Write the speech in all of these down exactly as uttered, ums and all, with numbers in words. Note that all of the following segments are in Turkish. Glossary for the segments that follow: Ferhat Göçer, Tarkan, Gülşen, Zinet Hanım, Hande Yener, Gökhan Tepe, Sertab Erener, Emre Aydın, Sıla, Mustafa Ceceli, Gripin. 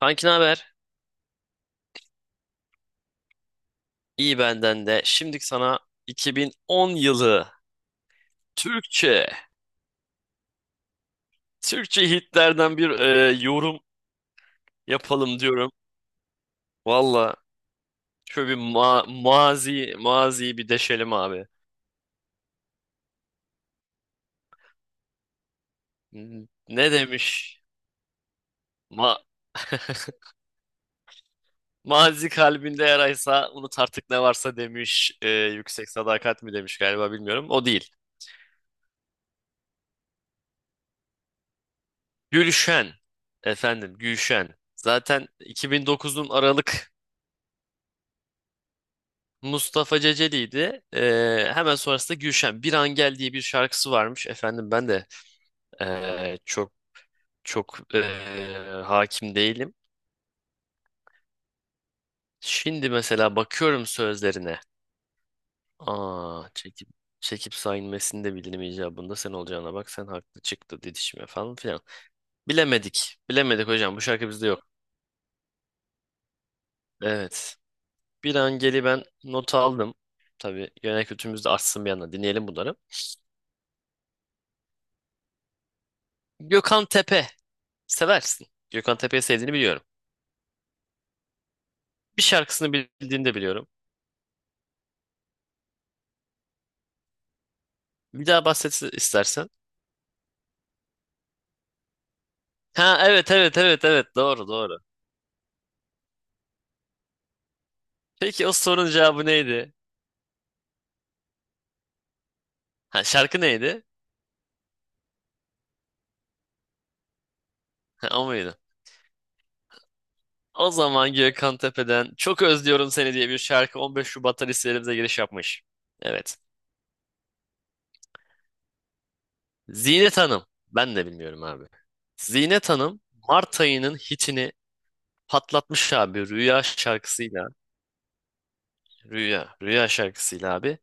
Kanki ne haber? İyi benden de. Şimdi sana iki bin on yılı Türkçe, Türkçe hitlerden bir e, yorum yapalım diyorum. Valla şöyle bir ma- mazi, maziyi bir deşelim abi. Ne demiş? Ma mazi kalbinde yaraysa unut artık ne varsa demiş. E, yüksek sadakat mi demiş galiba, bilmiyorum. O değil. Gülşen. Efendim Gülşen. Zaten iki bin dokuzun Aralık Mustafa Ceceli'ydi. Ee, hemen sonrasında Gülşen. Bir an gel diye bir şarkısı varmış. Efendim ben de ee, çok çok ee, hakim değilim. Şimdi mesela bakıyorum sözlerine. Aa çekip çekip sayılmasını da bilirim icabında, sen olacağına bak, sen haklı çıktı, didişme falan filan. Bilemedik. Bilemedik hocam, bu şarkı bizde yok. Evet. Bir an geli ben not aldım. Tabii genel kültürümüz de artsın bir yandan. Dinleyelim bunları. Gökhan Tepe. Seversin. Gökhan Tepe'yi sevdiğini biliyorum. Bir şarkısını bildiğini de biliyorum. Bir daha bahset istersen. Ha evet evet evet evet, doğru doğru. Peki o sorunun cevabı neydi? Ha şarkı neydi? Ha o muydu? O zaman Gökhan Tepe'den Çok Özlüyorum Seni diye bir şarkı on beş Şubat'ta listelerimize giriş yapmış. Evet. Zinet Hanım. Ben de bilmiyorum abi. Zinet Hanım Mart ayının hitini patlatmış abi Rüya şarkısıyla. Rüya. Rüya şarkısıyla abi.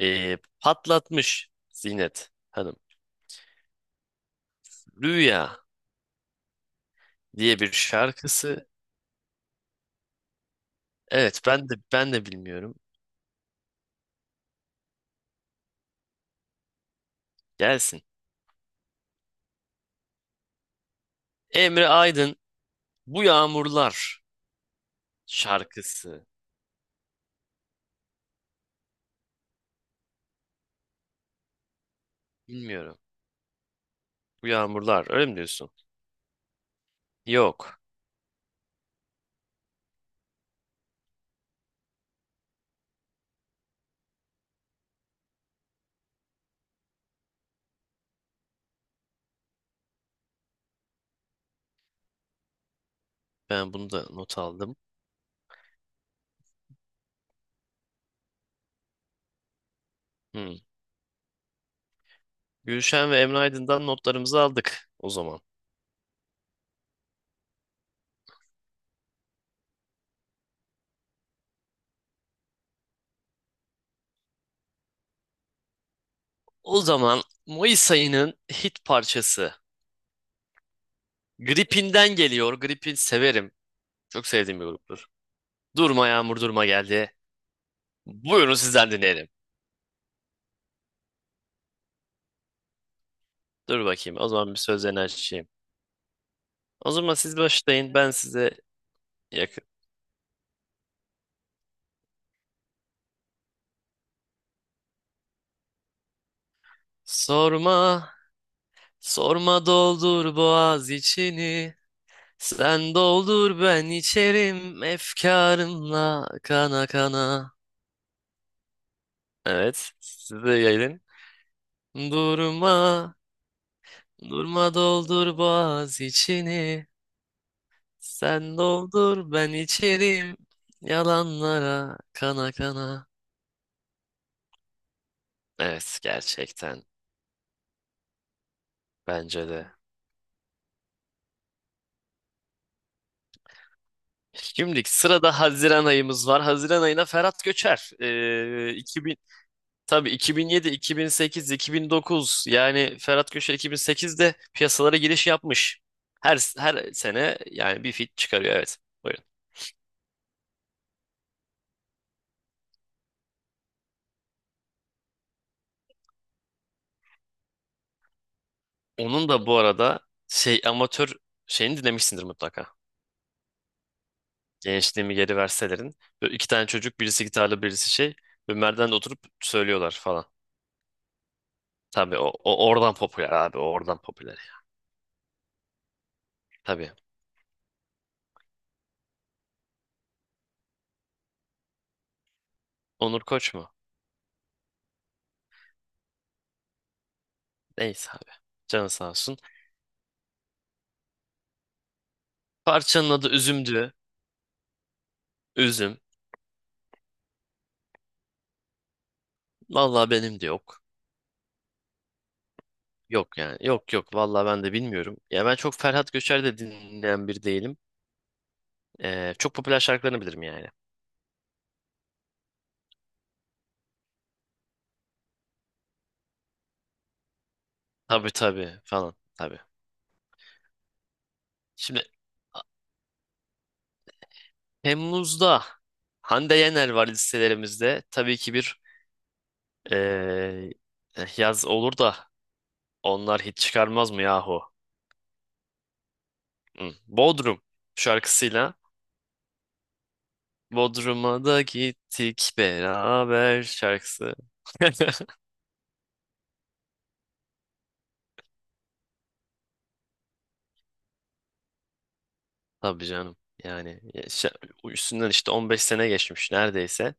Ee, patlatmış Zinet Hanım. Rüya diye bir şarkısı. Evet, ben de ben de bilmiyorum. Gelsin. Emre Aydın Bu Yağmurlar şarkısı. Bilmiyorum. Bu Yağmurlar öyle mi diyorsun? Yok. Ben bunu da not aldım. Hmm. Gülşen ve Emre Aydın'dan notlarımızı aldık o zaman. O zaman Mayıs ayının hit parçası Gripin'den geliyor. Gripin severim. Çok sevdiğim bir gruptur. Durma Yağmur Durma geldi. Buyurun sizden dinleyelim. Dur bakayım. O zaman bir sözlerini açayım. O zaman siz başlayın. Ben size yakın. Sorma, sorma doldur boğaz içini. Sen doldur ben içerim efkarımla kana kana. Evet, siz de yayılın. Durma, durma doldur boğaz içini. Sen doldur ben içerim yalanlara kana kana. Evet, gerçekten bence de. Şimdi sırada Haziran ayımız var. Haziran ayına Ferhat Göçer. Ee, Tabii iki bin yedi, iki bin sekiz, iki bin dokuz yani Ferhat Köşe iki bin sekizde piyasalara giriş yapmış. Her her sene yani bir fit çıkarıyor, evet. Buyurun. Onun da bu arada şey amatör şeyini dinlemişsindir mutlaka. Gençliğimi geri verselerin. Böyle iki tane çocuk, birisi gitarlı birisi şey. Böyle merdivende oturup söylüyorlar falan. Tabii o, o oradan popüler abi, o oradan popüler. Tabii. Onur Koç mu? Neyse abi. Canı sağ olsun. Parçanın adı Üzüm'dü. Üzüm. Vallahi benim de yok. Yok yani. Yok yok. Vallahi ben de bilmiyorum. Ya ben çok Ferhat Göçer de dinleyen bir değilim. Ee, çok popüler şarkılarını bilirim yani. Tabii tabii falan. Tabii. Şimdi Temmuz'da Hande Yener var listelerimizde. Tabii ki bir ee, yaz olur da onlar hiç çıkarmaz mı yahu? Hı. Bodrum şarkısıyla, Bodrum'a da gittik beraber şarkısı. Tabii canım. Yani ya şa- üstünden işte on beş sene geçmiş neredeyse.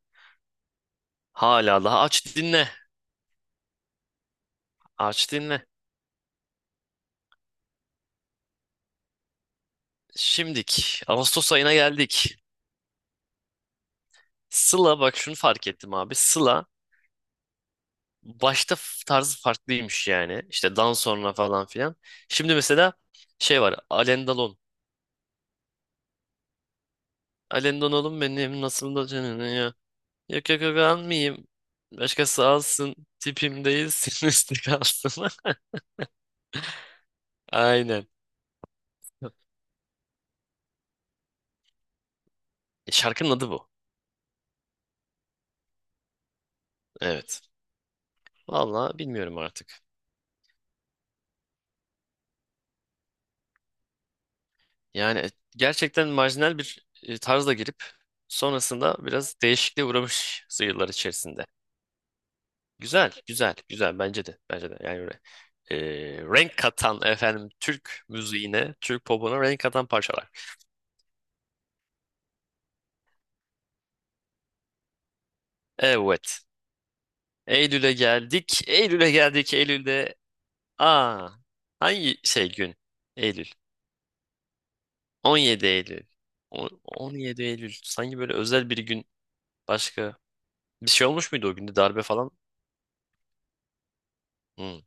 Hala daha aç dinle. Aç dinle. Şimdik. Ağustos ayına geldik. Sıla, bak şunu fark ettim abi. Sıla başta f- tarzı farklıymış yani. İşte dan sonra falan filan. Şimdi mesela şey var. Alendalon. Alendalon'um benim nasıl da canını ya. Yok yok yok, almayayım. Başkası alsın. Tipim değilsin. Üstü kalsın. Aynen. E, şarkının adı bu. Evet. Vallahi bilmiyorum artık. Yani e, gerçekten marjinal bir e, tarzla girip sonrasında biraz değişikliğe uğramış yıllar içerisinde. Güzel, güzel, güzel, bence de. Bence de. Yani re- e, renk katan, efendim, Türk müziğine, Türk popuna renk katan parçalar. Evet. Eylül'e geldik. Eylül'e geldik. Eylül'de aa hangi şey gün? Eylül. on yedi Eylül. O- on yedi Eylül. Sanki böyle özel bir gün. Başka bir şey olmuş muydu o günde, darbe falan? Hmm.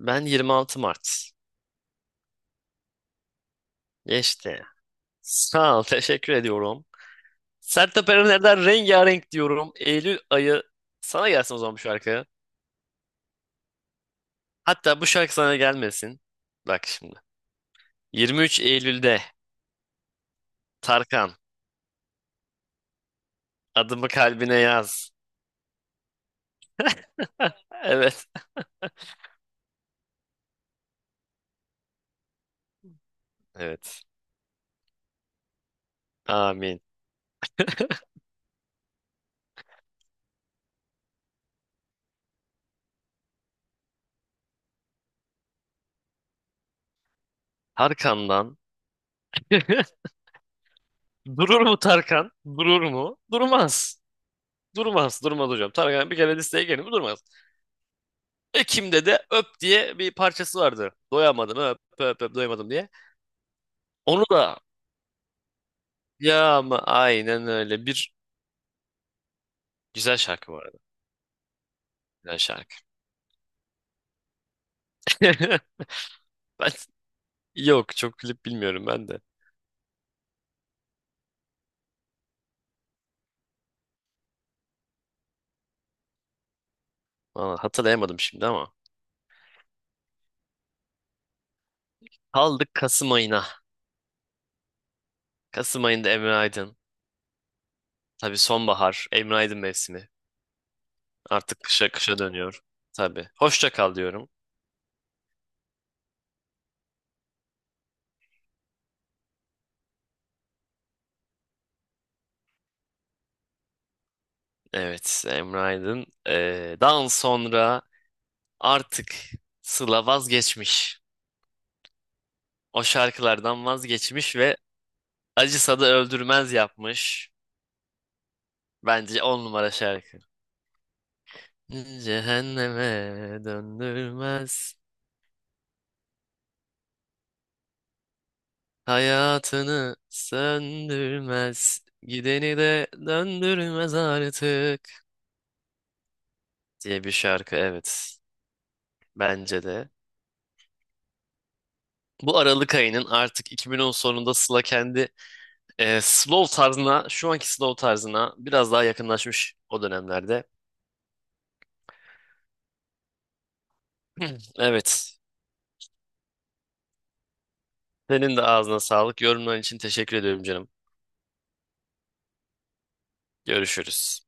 Ben yirmi altı Mart. Geçti. Sağ ol, teşekkür ediyorum. Sertab Erener'den rengarenk diyorum. Eylül ayı sana gelsin o zaman bu şarkı. Hatta bu şarkı sana gelmesin. Bak şimdi. yirmi üç Eylül'de Tarkan adımı kalbine yaz. Evet. Evet. Amin. Tarkan'dan durur mu Tarkan? Durur mu? Durmaz. Durmaz. Durmaz hocam. Tarkan bir kere listeye gelin mi durmaz. Ekim'de de Öp diye bir parçası vardı. Doyamadım öp öp öp doyamadım diye. Onu da... Ya ama aynen öyle. Bir güzel şarkı bu arada. Güzel şarkı. Ben yok, çok klip bilmiyorum ben de. Vallahi hatırlayamadım şimdi ama. Kaldık Kasım ayına. Kasım ayında Emre Aydın. Tabii sonbahar, Emre Aydın mevsimi. Artık kışa kışa dönüyor. Tabii. Hoşça kal diyorum. Evet, Emre Aydın. Ee, daha sonra artık Sıla vazgeçmiş. O şarkılardan vazgeçmiş ve acısa da öldürmez yapmış. Bence on numara şarkı. Cehenneme döndürmez, hayatını söndürmez, gideni de döndürmez artık diye bir şarkı, evet, bence de. Bu Aralık ayının artık iki bin on sonunda Sıla kendi e, slow tarzına, şu anki slow tarzına biraz daha yakınlaşmış o dönemlerde. Evet, senin de ağzına sağlık. Yorumların için teşekkür ediyorum canım. Görüşürüz.